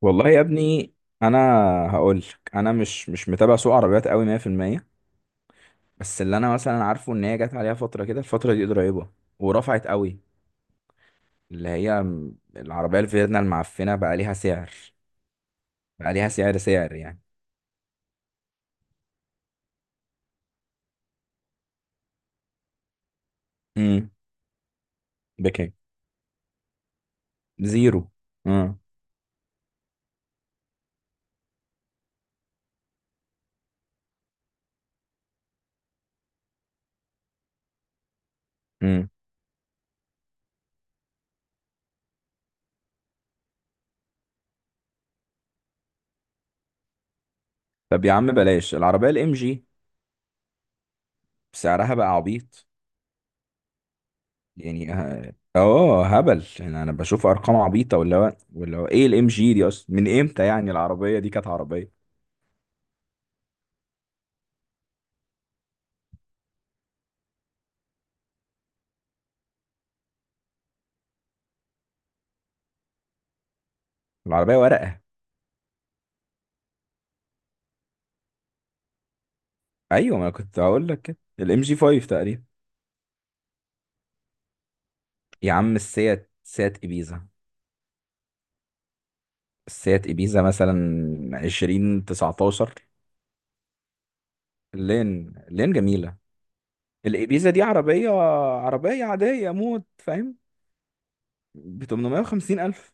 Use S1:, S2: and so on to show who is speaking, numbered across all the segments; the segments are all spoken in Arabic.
S1: والله يا ابني، انا هقول لك: انا مش متابع سوق عربيات قوي 100%. بس اللي انا مثلا عارفه ان هي جت عليها فتره كده، الفتره دي قريبه، ورفعت قوي. اللي هي العربيه الفيرنا المعفنه بقى ليها سعر، بقى ليها سعر، سعر يعني. امم بكام؟ زيرو؟ امم امم طب يا عم بلاش العربيه الام جي، سعرها بقى عبيط يعني. هبل يعني. انا بشوف ارقام عبيطه. ولا هو ايه الام جي دي اصلا؟ من امتى يعني العربيه دي كانت عربيه؟ العربيه ورقه. ايوه، ما أنا كنت هقول لك كده، الام جي 5 تقريبا. يا عم، سيات ابيزا، السيات ابيزا مثلا 2019. لين، لين جميله. الابيزا دي عربيه، عربيه عاديه موت، فاهم؟ ب 850 الف.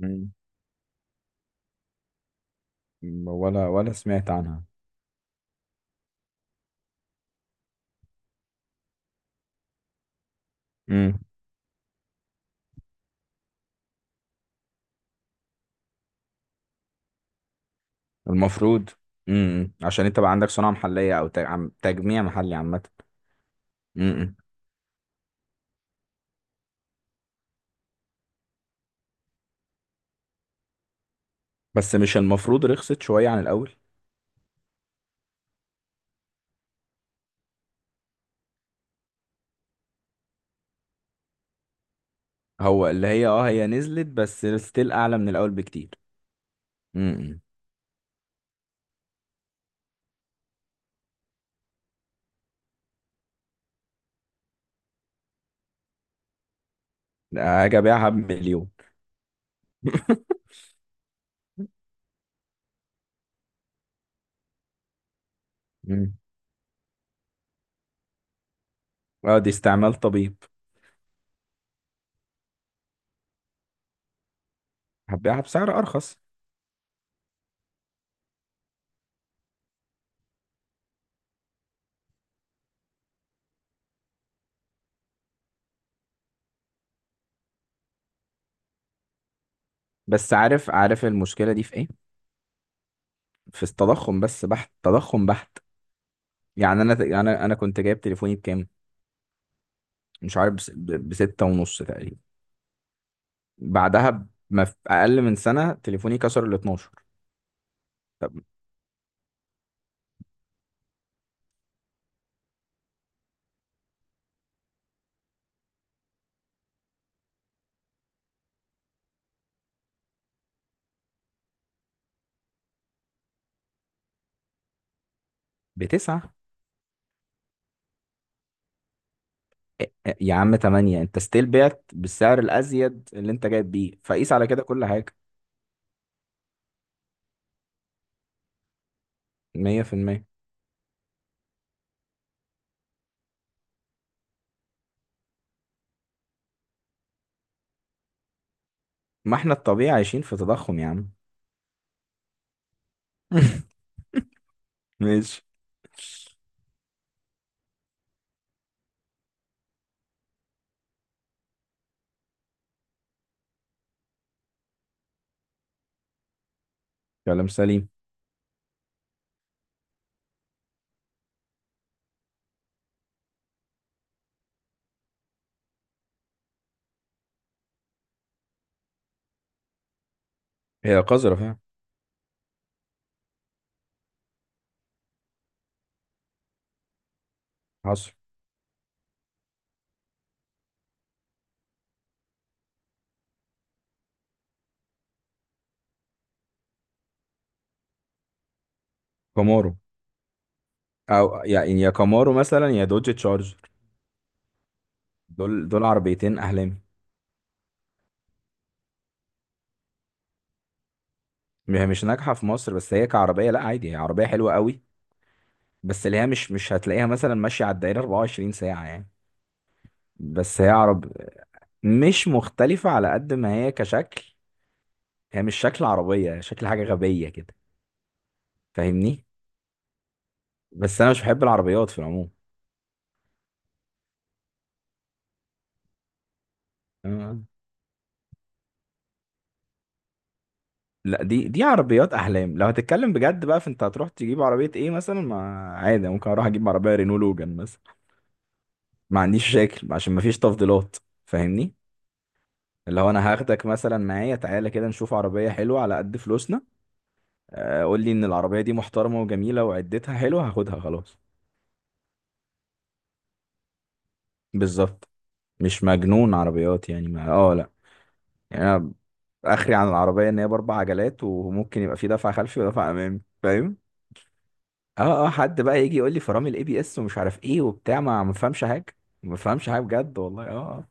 S1: مم. ولا سمعت عنها. مم. المفروض. مم. عشان انت بقى عندك صناعه محليه، او تجميع محلي عامه. مم. بس مش المفروض رخصت شويه عن الاول؟ هو اللي هي اه هي نزلت، بس ستيل اعلى من الاول بكتير. امم. اجي ابيعها بمليون؟ امم. اه، دي استعمال طبيب. هبيعها بسعر ارخص؟ بس عارف، عارف المشكله دي في ايه؟ في التضخم، بس بحت، تضخم بحت. يعني انا، انا كنت جايب تليفوني بكام؟ مش عارف، بستة ونص تقريبا. بعدها، ما في اقل من سنه، تليفوني كسر ال 12. طب بتسعة؟ إيه، يا عم تمانية؟ انت ستيل بعت بالسعر الازيد اللي انت جايب بيه. فقيس على كده كل حاجه. 100%. ما احنا الطبيعي عايشين في تضخم يا عم. ماشي. كلام سليم. هي قذرة فعلا. حصل. كامارو، او يعني يا كامارو مثلا يا دوج تشارجر. دول عربيتين احلامي. هي مش ناجحة في مصر، بس هي كعربية لا، عادي، هي عربية حلوة قوي. بس اللي هي مش هتلاقيها مثلا ماشية على الدائرة 24 ساعة يعني. بس هي عرب، مش مختلفة على قد ما هي كشكل. هي مش شكل عربية، هي شكل حاجة غبية كده. فاهمني؟ بس انا مش بحب العربيات في العموم. لا، دي عربيات احلام. لو هتتكلم بجد بقى فانت هتروح تجيب عربيه ايه مثلا؟ ما عادي، ممكن اروح اجيب عربيه رينو لوجان مثلا. ما عنديش مشاكل، عشان ما فيش تفضيلات. فاهمني؟ اللي هو انا هاخدك مثلا معايا، تعالى كده نشوف عربيه حلوه على قد فلوسنا. آه، قول لي ان العربيه دي محترمه وجميله وعدتها حلوه، هاخدها خلاص. بالظبط. مش مجنون عربيات يعني، ما اه لا. يعني انا، اخري عن العربيه ان هي باربع عجلات وممكن يبقى في دفع خلفي ودفع امامي، فاهم؟ اه اه. حد بقى يجي يقول لي فرامل الاي بي اس ومش عارف ايه وبتاع، ما فهمش حاجه. ما فهمش حاجه بجد والله، اه آه.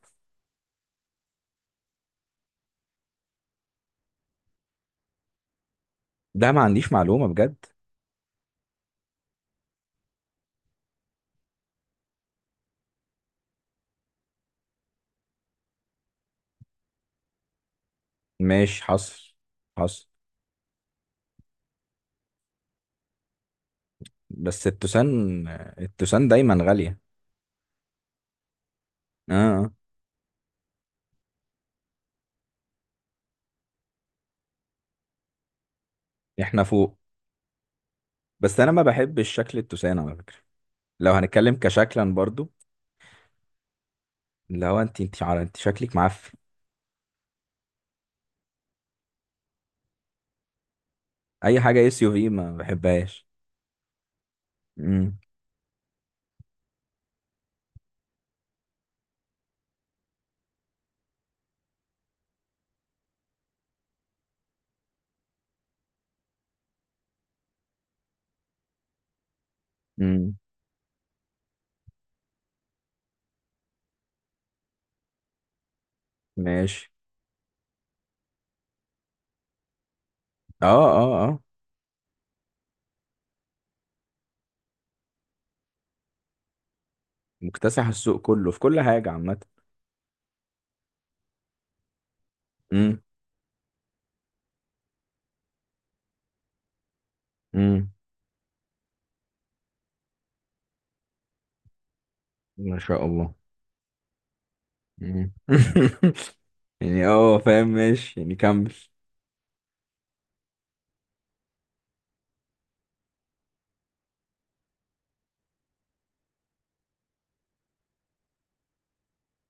S1: ده ما عنديش معلومه بجد. ماشي. حصل. حصل. بس التوسان، التوسان دايما غاليه. اه آه. احنا فوق. بس انا ما بحبش شكل التوسان على فكره، لو هنتكلم كشكلا برضو. اللي هو انت، انت شكلك معفن. اي حاجه اس يو في ما بحبهاش. امم. امم. ماشي. اه اه اه. مكتسح السوق كله في كل حاجه عامه. امم. امم. ما شاء الله. مم. يعني اه فاهم، ماشي، يعني كمل.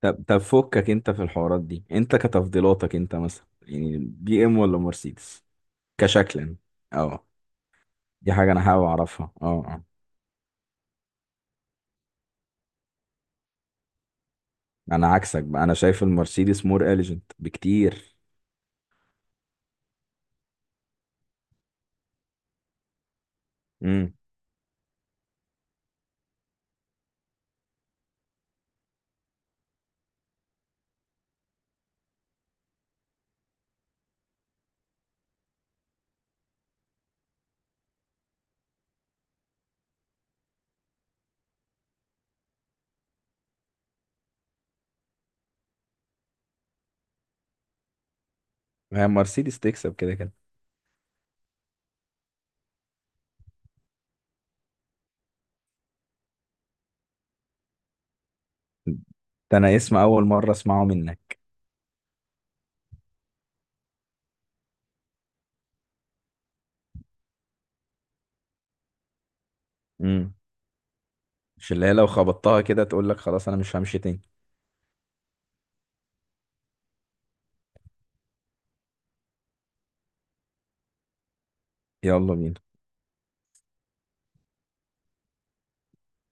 S1: طب فكك انت في الحوارات دي. انت كتفضيلاتك انت مثلا، يعني بي ام ولا مرسيدس كشكلا؟ اه. دي حاجة انا حابب اعرفها، اه اه. انا عكسك بقى، انا شايف المرسيدس مور اليجنت بكتير. امم. هي مرسيدس تكسب كده كده. ده انا اسم اول مرة اسمعه منك. امم. مش اللي هي لو خبطتها كده تقول لك خلاص انا مش همشي تاني؟ يلا بينا.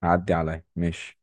S1: عدي عليا، ماشي.